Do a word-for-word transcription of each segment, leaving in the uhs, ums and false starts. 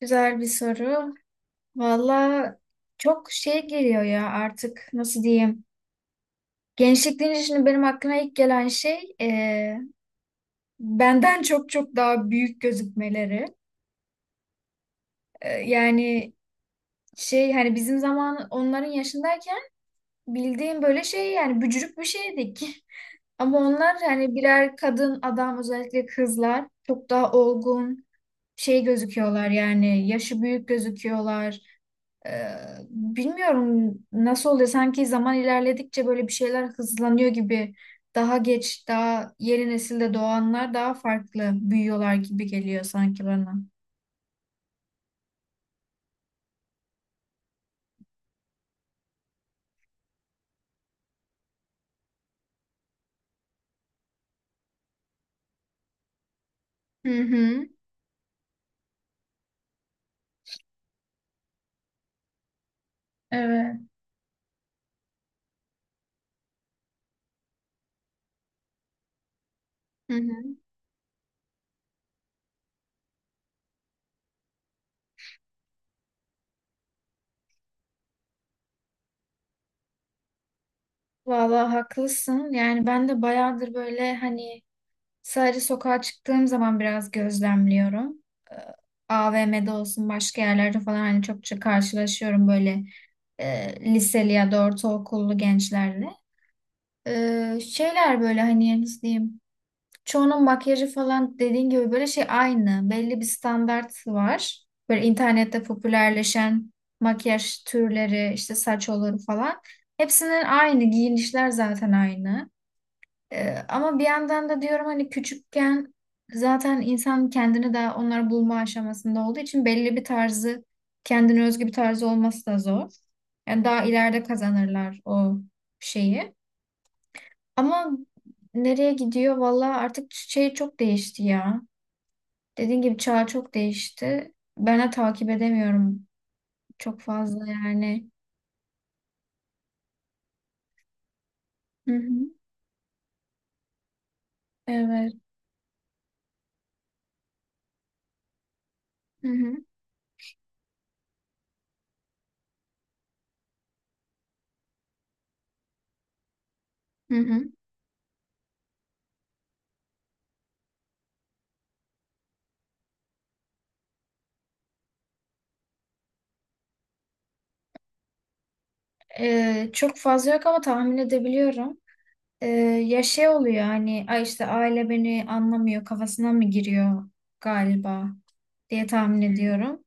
Güzel bir soru. Valla çok şey geliyor ya artık nasıl diyeyim. Gençlik deyince şimdi benim aklıma ilk gelen şey e, benden çok çok daha büyük gözükmeleri. E, yani şey hani bizim zaman onların yaşındayken bildiğim böyle şey yani bücürük bir şeydik. Ama onlar hani birer kadın adam özellikle kızlar çok daha olgun şey gözüküyorlar yani yaşı büyük gözüküyorlar. Ee, bilmiyorum nasıl oluyor. Sanki zaman ilerledikçe böyle bir şeyler hızlanıyor gibi. Daha geç, daha yeni nesilde doğanlar daha farklı büyüyorlar gibi geliyor sanki bana. Hı hı. Evet. Hı hı. Vallahi haklısın. Yani ben de bayağıdır böyle hani sadece sokağa çıktığım zaman biraz gözlemliyorum. Ee, A V M'de olsun başka yerlerde falan hani çokça karşılaşıyorum böyle e, liseli ya da ortaokullu gençlerle. Ee, şeyler böyle hani nasıl diyeyim çoğunun makyajı falan dediğin gibi böyle şey aynı belli bir standart var böyle internette popülerleşen makyaj türleri işte saç olur falan hepsinin aynı giyinişler zaten aynı. Ee, ama bir yandan da diyorum hani küçükken zaten insan kendini daha onları bulma aşamasında olduğu için belli bir tarzı kendine özgü bir tarzı olması da zor yani daha ileride kazanırlar o şeyi ama nereye gidiyor? Vallahi artık şey çok değişti ya. Dediğin gibi çağ çok değişti. Ben de takip edemiyorum çok fazla yani. Hı hı. Evet. Hı hı. Hı hı. Ee, çok fazla yok ama tahmin edebiliyorum. Ee, ya şey oluyor hani ay işte aile beni anlamıyor kafasına mı giriyor galiba diye tahmin ediyorum.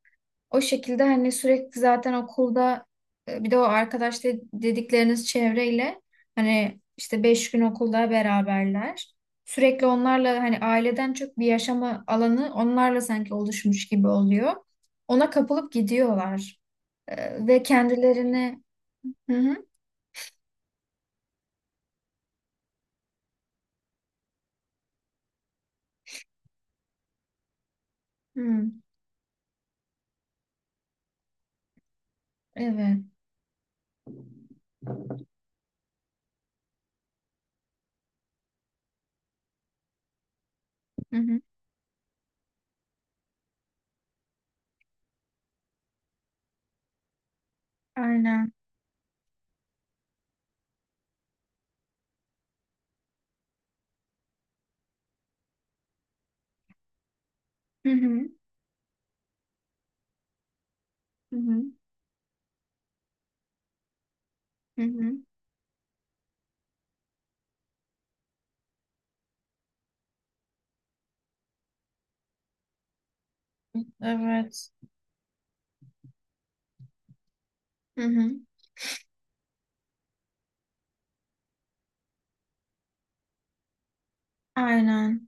O şekilde hani sürekli zaten okulda e, bir de o arkadaş de- dedikleriniz çevreyle hani işte beş gün okulda beraberler. Sürekli onlarla hani aileden çok bir yaşama alanı onlarla sanki oluşmuş gibi oluyor. Ona kapılıp gidiyorlar. E, ve kendilerini hı hı, hı, evet hı hı, aynen hı hı, hı hı, hı hı, evet hı hı, aynen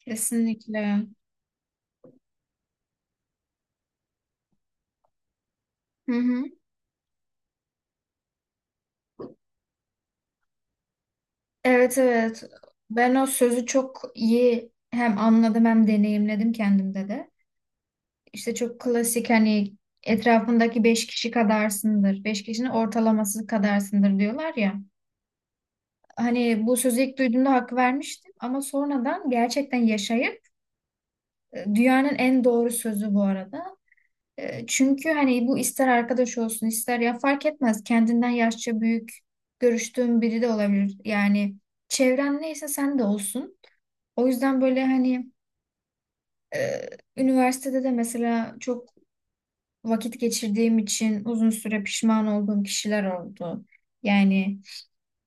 kesinlikle hı hı. Evet, evet. Ben o sözü çok iyi hem anladım hem deneyimledim kendimde de. İşte çok klasik hani etrafındaki beş kişi kadarsındır. Beş kişinin ortalaması kadarsındır diyorlar ya. Hani bu sözü ilk duyduğumda hak vermiştim ama sonradan gerçekten yaşayıp e, dünyanın en doğru sözü bu arada. E, Çünkü hani bu ister arkadaş olsun ister ya fark etmez kendinden yaşça büyük görüştüğün biri de olabilir. Yani çevren neyse sen de olsun. O yüzden böyle hani e, üniversitede de mesela çok vakit geçirdiğim için uzun süre pişman olduğum kişiler oldu. Yani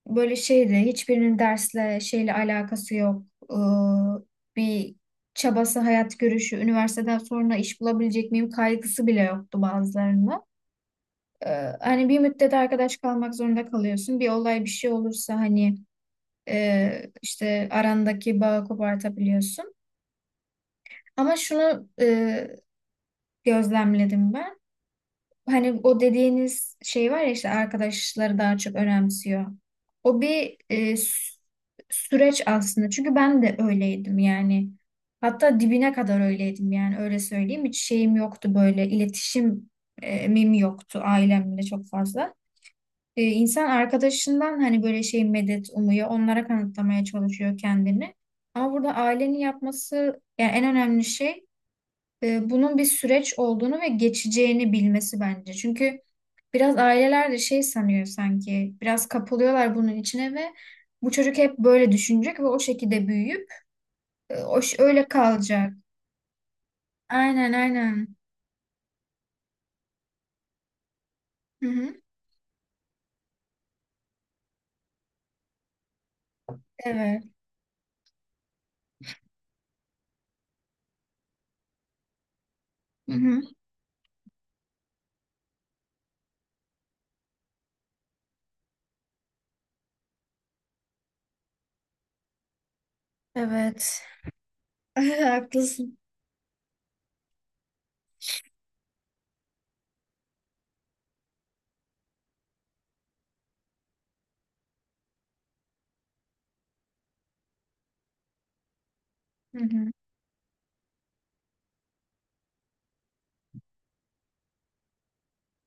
böyle şeydi hiçbirinin dersle şeyle alakası yok. Ee, bir çabası, hayat görüşü, üniversiteden sonra iş bulabilecek miyim kaygısı bile yoktu bazılarında. Ee, hani bir müddet arkadaş kalmak zorunda kalıyorsun. Bir olay bir şey olursa hani e, işte arandaki bağı kopartabiliyorsun. Ama şunu e, gözlemledim ben. Hani o dediğiniz şey var ya işte arkadaşları daha çok önemsiyor. O bir e, sü- süreç aslında. Çünkü ben de öyleydim yani. Hatta dibine kadar öyleydim yani öyle söyleyeyim. Hiç şeyim yoktu böyle iletişim e, mimi yoktu ailemle çok fazla. E, insan arkadaşından hani böyle şey medet umuyor. Onlara kanıtlamaya çalışıyor kendini. Ama burada ailenin yapması yani en önemli şey e, bunun bir süreç olduğunu ve geçeceğini bilmesi bence. Çünkü biraz aileler de şey sanıyor sanki, biraz kapılıyorlar bunun içine ve bu çocuk hep böyle düşünecek ve o şekilde büyüyüp e, o ş- öyle kalacak. Aynen aynen. Hı hı. Evet. Hı hı. Evet. Haklısın. Hı hı.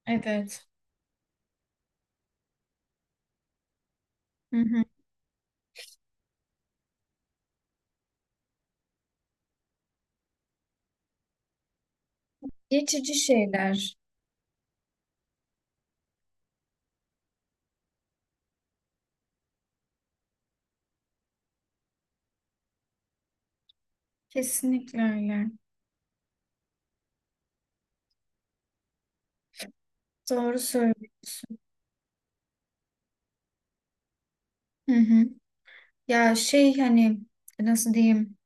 Evet. Hı hı. Geçici şeyler. Kesinlikle öyle. Doğru söylüyorsun. Hı hı. Ya şey hani nasıl diyeyim?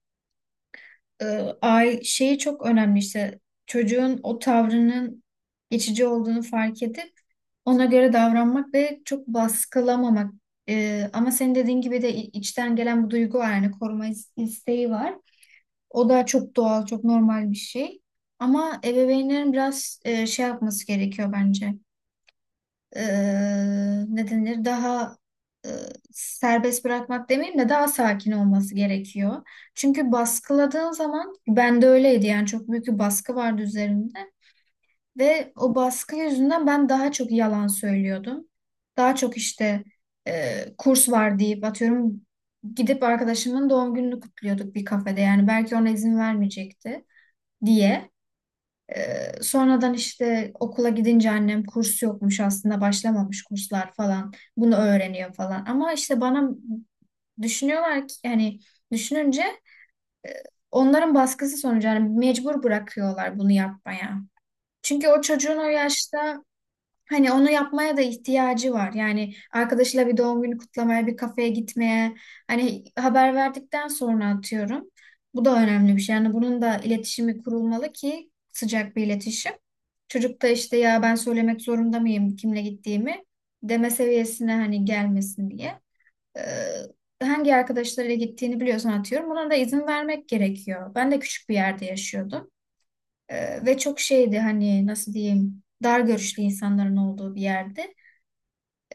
e, ay şeyi çok önemli işte çocuğun o tavrının geçici olduğunu fark edip ona göre davranmak ve çok baskılamamak. E, ama senin dediğin gibi de i- içten gelen bu duygu var yani koruma is- isteği var. O da çok doğal, çok normal bir şey. Ama ebeveynlerin biraz e, şey yapması gerekiyor bence, e, ne denir daha e, serbest bırakmak demeyeyim de daha sakin olması gerekiyor. Çünkü baskıladığın zaman ben de öyleydi yani çok büyük bir baskı vardı üzerimde ve o baskı yüzünden ben daha çok yalan söylüyordum. Daha çok işte e, kurs var deyip atıyorum gidip arkadaşımın doğum gününü kutluyorduk bir kafede yani belki ona izin vermeyecekti diye. Ee, sonradan işte okula gidince annem kurs yokmuş aslında başlamamış kurslar falan bunu öğreniyor falan. Ama işte bana düşünüyorlar ki yani düşününce onların baskısı sonucu yani mecbur bırakıyorlar bunu yapmaya. Çünkü o çocuğun o yaşta hani onu yapmaya da ihtiyacı var. Yani arkadaşıyla bir doğum günü kutlamaya, bir kafeye gitmeye, hani haber verdikten sonra atıyorum. Bu da önemli bir şey. Yani bunun da iletişimi kurulmalı ki sıcak bir iletişim. Çocuk da işte ya ben söylemek zorunda mıyım kimle gittiğimi deme seviyesine hani gelmesin diye. Ee, hangi arkadaşlarıyla gittiğini biliyorsan atıyorum. Buna da izin vermek gerekiyor. Ben de küçük bir yerde yaşıyordum. Ee, ve çok şeydi hani nasıl diyeyim dar görüşlü insanların olduğu bir yerde.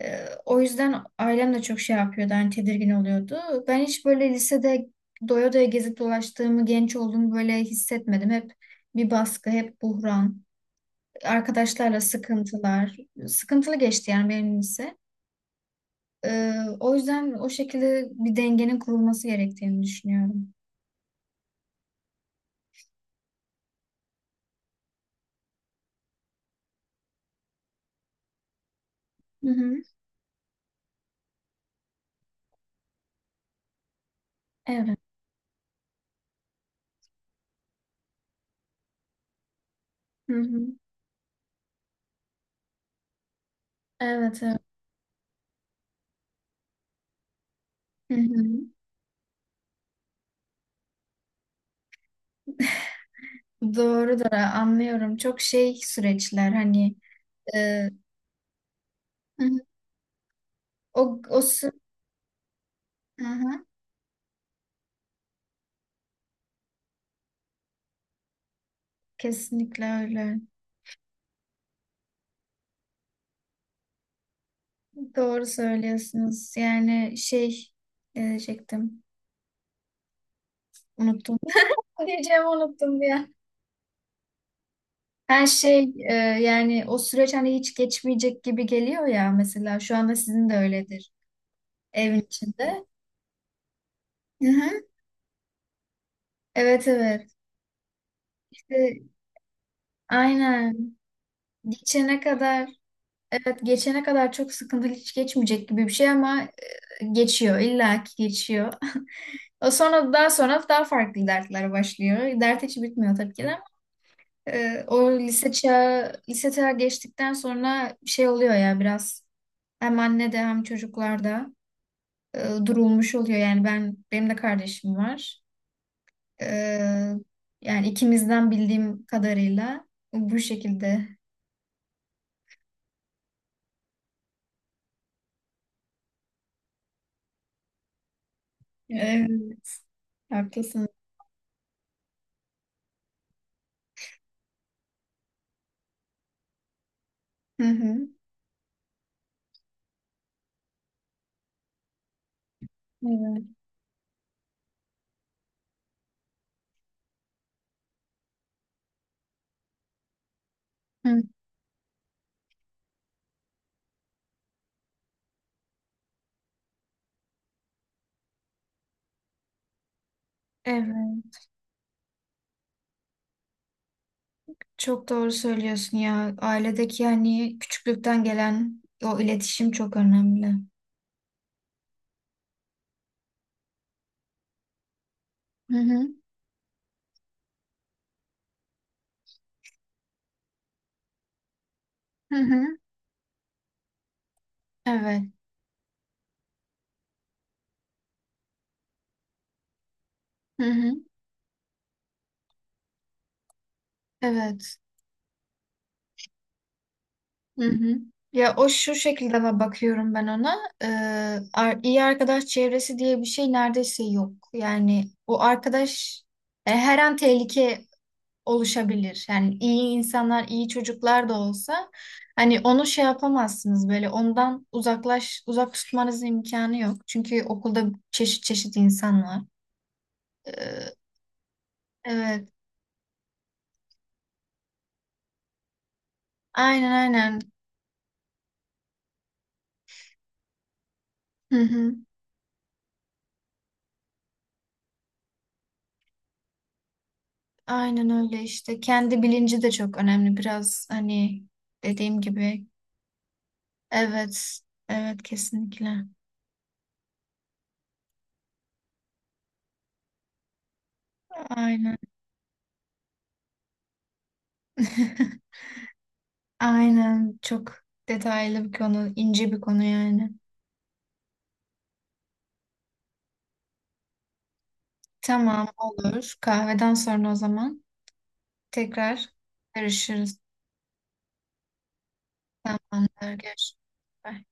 Ee, o yüzden ailem de çok şey yapıyordu, hani tedirgin oluyordu. Ben hiç böyle lisede doya doya gezip dolaştığımı, genç olduğumu böyle hissetmedim. Hep bir baskı, hep buhran, arkadaşlarla sıkıntılar. Sıkıntılı geçti yani benim lise. Ee, o yüzden o şekilde bir dengenin kurulması gerektiğini düşünüyorum. Hı hı. Evet. Hı hı. Evet, evet. Hı hı. Doğrudur, anlıyorum. Çok şey süreçler hani e, hı hı. o, o sü- Hı hı. Kesinlikle öyle. Doğru söylüyorsunuz. Yani şey ne diyecektim. Unuttum. Ne diyeceğimi unuttum ya. Her şey e, yani o süreç hani hiç geçmeyecek gibi geliyor ya mesela. Şu anda sizin de öyledir evin içinde. Hı-hı. Evet, evet. İşte aynen. Geçene kadar evet geçene kadar çok sıkıntılı hiç geçmeyecek gibi bir şey ama e, geçiyor. İlla ki geçiyor. O sonra daha sonra daha farklı dertler başlıyor. Dert hiç bitmiyor tabii ki de. Ee, o lise çağı, lise çağı geçtikten sonra bir şey oluyor ya biraz hem annede hem çocuklarda e, durulmuş oluyor. Yani ben benim de kardeşim var. Ee, yani ikimizden bildiğim kadarıyla bu şekilde. Evet, haklısın. Hı hı. Evet. Hı. Evet. Çok doğru söylüyorsun ya. Ailedeki yani küçüklükten gelen o iletişim çok önemli. Hı hı. Hı hı. Evet. Hı hı. Evet. Hı hı. Ya o şu şekilde ba- bakıyorum ben ona. Ee, ar- iyi arkadaş çevresi diye bir şey neredeyse yok. Yani o arkadaş e, her an tehlike oluşabilir. Yani iyi insanlar, iyi çocuklar da olsa hani onu şey yapamazsınız böyle ondan uzaklaş uzak tutmanız imkanı yok. Çünkü okulda çeşit çeşit insan var. Ee, evet. Aynen aynen. Hı hı. Aynen öyle işte. Kendi bilinci de çok önemli. Biraz hani dediğim gibi. Evet. Evet, kesinlikle. Aynen. Aynen. Çok detaylı bir konu. İnce bir konu yani. Tamam, olur. Kahveden sonra o zaman tekrar görüşürüz. Tamamdır. Görüşürüz. Bye.